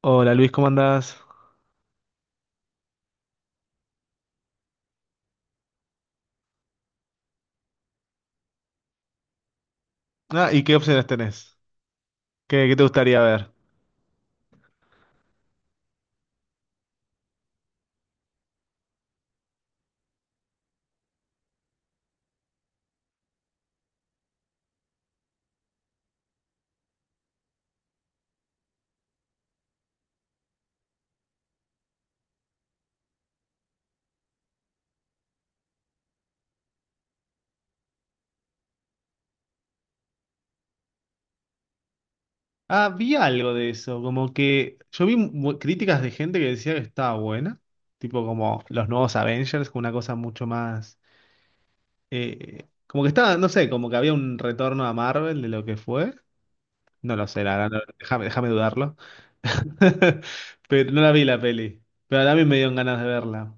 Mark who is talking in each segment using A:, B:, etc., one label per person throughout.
A: Hola Luis, ¿cómo andás? Ah, ¿y qué opciones tenés? ¿¿Qué te gustaría ver? Ah, vi algo de eso, como que yo vi críticas de gente que decía que estaba buena, tipo como los nuevos Avengers, con una cosa mucho más, como que estaba, no sé, como que había un retorno a Marvel de lo que fue, no lo sé, la verdad, déjame, déjame dudarlo. Pero no la vi la peli, pero también me dieron ganas de verla.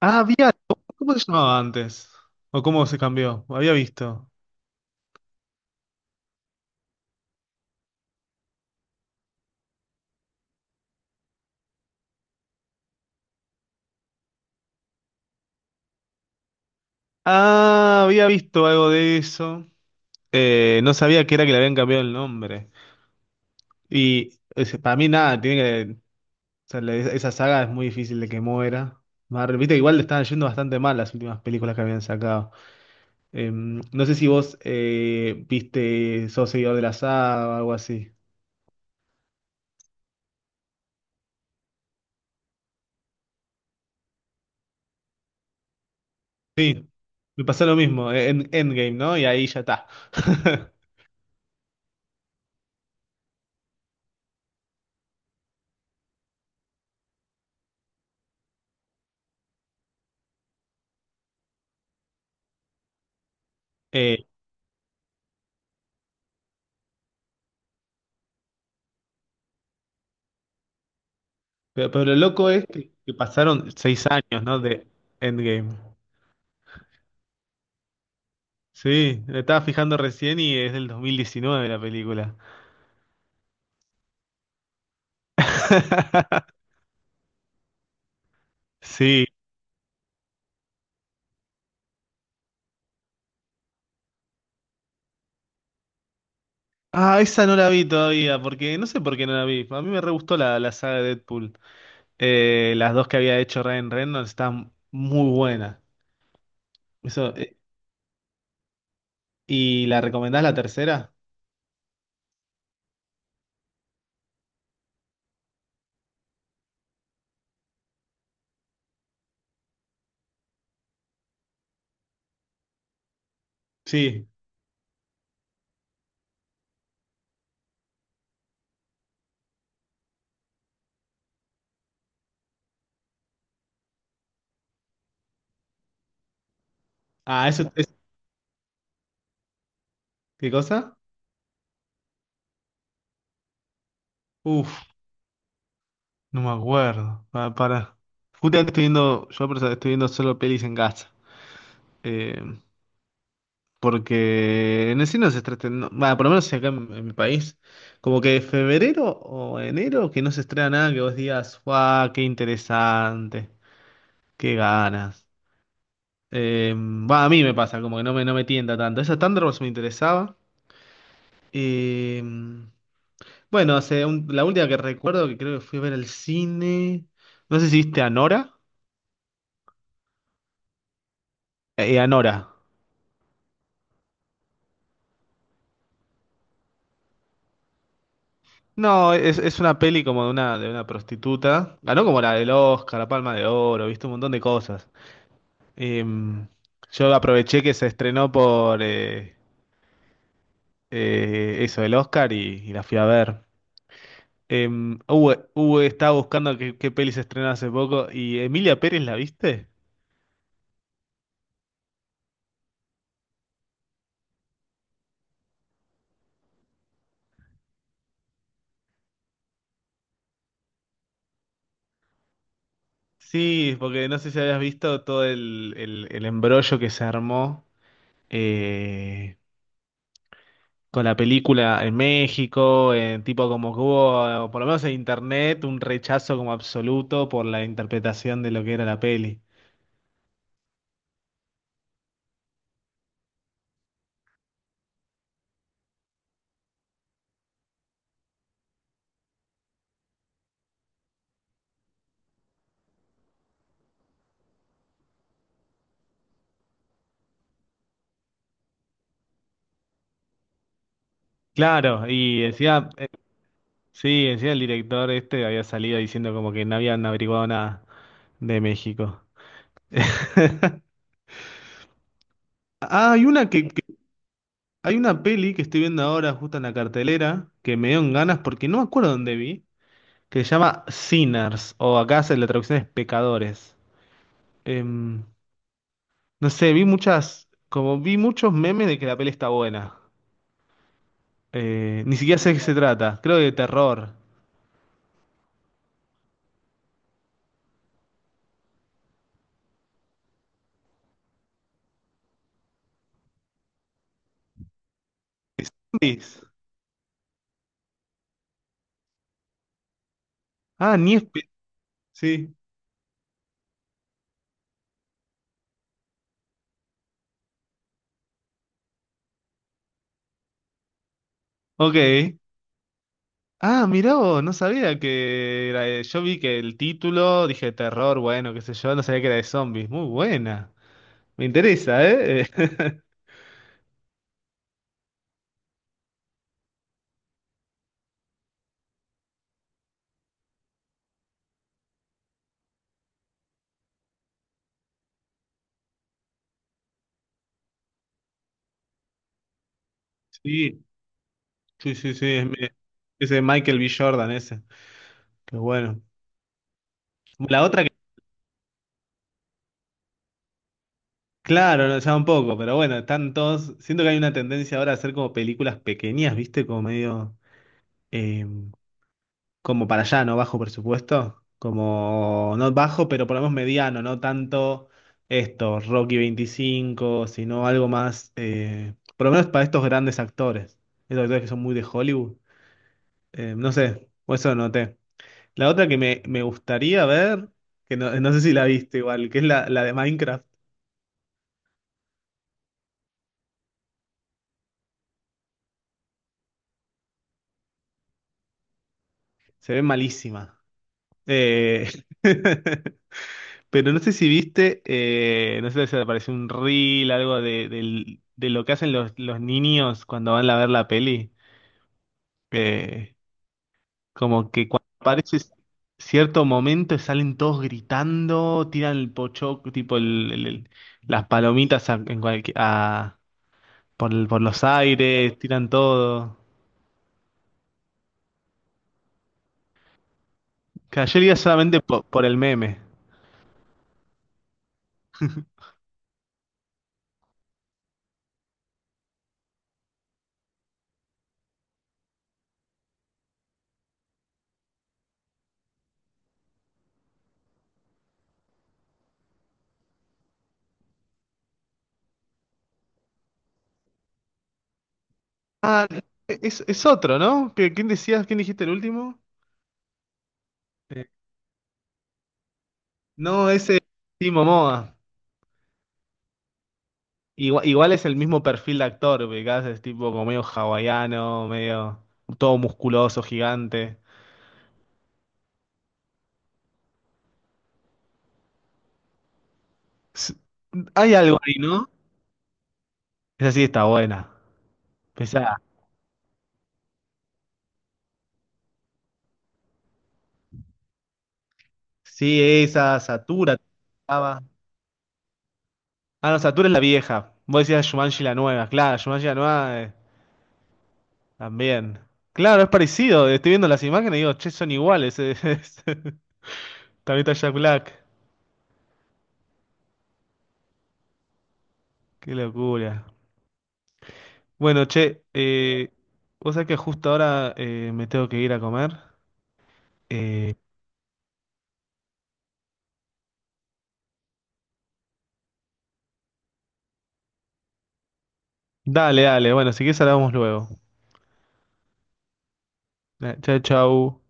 A: Ah, había. ¿Cómo se llamaba antes? ¿O cómo se cambió? Había visto. Ah, había visto algo de eso. No sabía que era que le habían cambiado el nombre. Y para mí nada, tiene que... O sea, esa saga es muy difícil de que muera. Marvel, viste que igual le estaban yendo bastante mal las últimas películas que habían sacado. No sé si vos viste, sos seguidor de la saga o algo así. Sí, me pasó lo mismo, en Endgame, ¿no? Y ahí ya está. Eh, pero lo loco es que pasaron 6 años, ¿no? De Endgame. Sí, me estaba fijando recién y es del 2019 la película. Sí. Ah, esa no la vi todavía, porque no sé por qué no la vi. A mí me re gustó la, la saga de Deadpool. Las dos que había hecho Ryan Reynolds están muy buenas. Eso, ¿y la recomendás la tercera? Sí. Ah, eso ¿Qué cosa? Uf, no me acuerdo. Para, para. Justamente estoy viendo, yo por eso estoy viendo solo pelis en casa. Eh, Porque en el cine no se estrena, bueno, por lo menos acá en mi país, como que febrero o enero que no se estrena nada que vos digas, ¡guau! ¡Qué interesante! ¡Qué ganas! Eh, Va, a mí me pasa, como que no me, no me tienta tanto. Esa Thunderbolts me interesaba. Eh, bueno, la última que recuerdo que creo que fui a ver al cine. No sé si viste Anora. Anora. No, es una peli como de una prostituta. Ganó como la del Oscar, la Palma de Oro, viste un montón de cosas. Em, yo aproveché que se estrenó por eso, el Oscar, y la fui a ver. Estaba buscando qué, qué peli se estrenó hace poco, y Emilia Pérez, ¿la viste? Sí, porque no sé si habías visto todo el embrollo que se armó eh, con la película en México, tipo como que hubo, por lo menos en internet, un rechazo como absoluto por la interpretación de lo que era la peli. Claro, y decía, sí, encima el director este había salido diciendo como que no habían averiguado nada de México. Ah, hay una que, hay una peli que estoy viendo ahora justo en la cartelera que me dieron ganas porque no me acuerdo dónde vi, que se llama Sinners o acá la traducción es pecadores. Em, no sé, vi muchas, como vi muchos memes de que la peli está buena. Ni siquiera sé de qué se trata, creo que de terror. Sí. Ah, ni espe- sí. Ok. Ah, mirá vos, no sabía que era yo vi que el título, dije terror, bueno, qué sé yo, no sabía que era de zombies. Muy buena. Me interesa, ¿eh? Sí, sí, sí, sí. Es ese Michael B. Jordan, ese. Qué bueno. La otra que, claro, no, ya un poco, pero bueno, están todos. Siento que hay una tendencia ahora a hacer como películas pequeñas, ¿viste? Como medio. em, como para allá, ¿no? Bajo presupuesto, como no bajo, pero por lo menos mediano, no tanto esto, Rocky 25 sino algo más, por lo menos para estos grandes actores, esos actores que son muy de Hollywood. No sé, o eso noté. La otra que me gustaría ver, que no, no sé si la viste igual, que es la, la de Minecraft, se ve malísima. Eh, Pero no sé si viste, no sé si te apareció un reel, algo de, de lo que hacen los niños cuando van a ver la peli. Eh, Como que cuando aparece cierto momento salen todos gritando, tiran el pocho tipo las palomitas a, por, por los aires, tiran todo. Que ayer iba solamente por el meme. Ah, es otro, ¿no? ¿Quién decías? ¿Quién dijiste el último? Eh, no, ese es Timo Moa. Igual, igual es el mismo perfil de actor, ubicás, es tipo como medio hawaiano, medio todo musculoso, gigante. S- hay algo ahí, ¿no? Esa sí está buena. Pesada. Sí, esa, Satura. Estaba. Ah, no, Satura es la vieja. Vos decías Shumanji la nueva. Claro, Shumanji la nueva también. Claro, es parecido. Estoy viendo las imágenes y digo, che, son iguales. Es- También está Jack Black. Qué locura. Bueno, che, vos sabés que justo ahora me tengo que ir a comer. Eh, dale, dale. Bueno, si quieres hablamos luego. Chau, chau.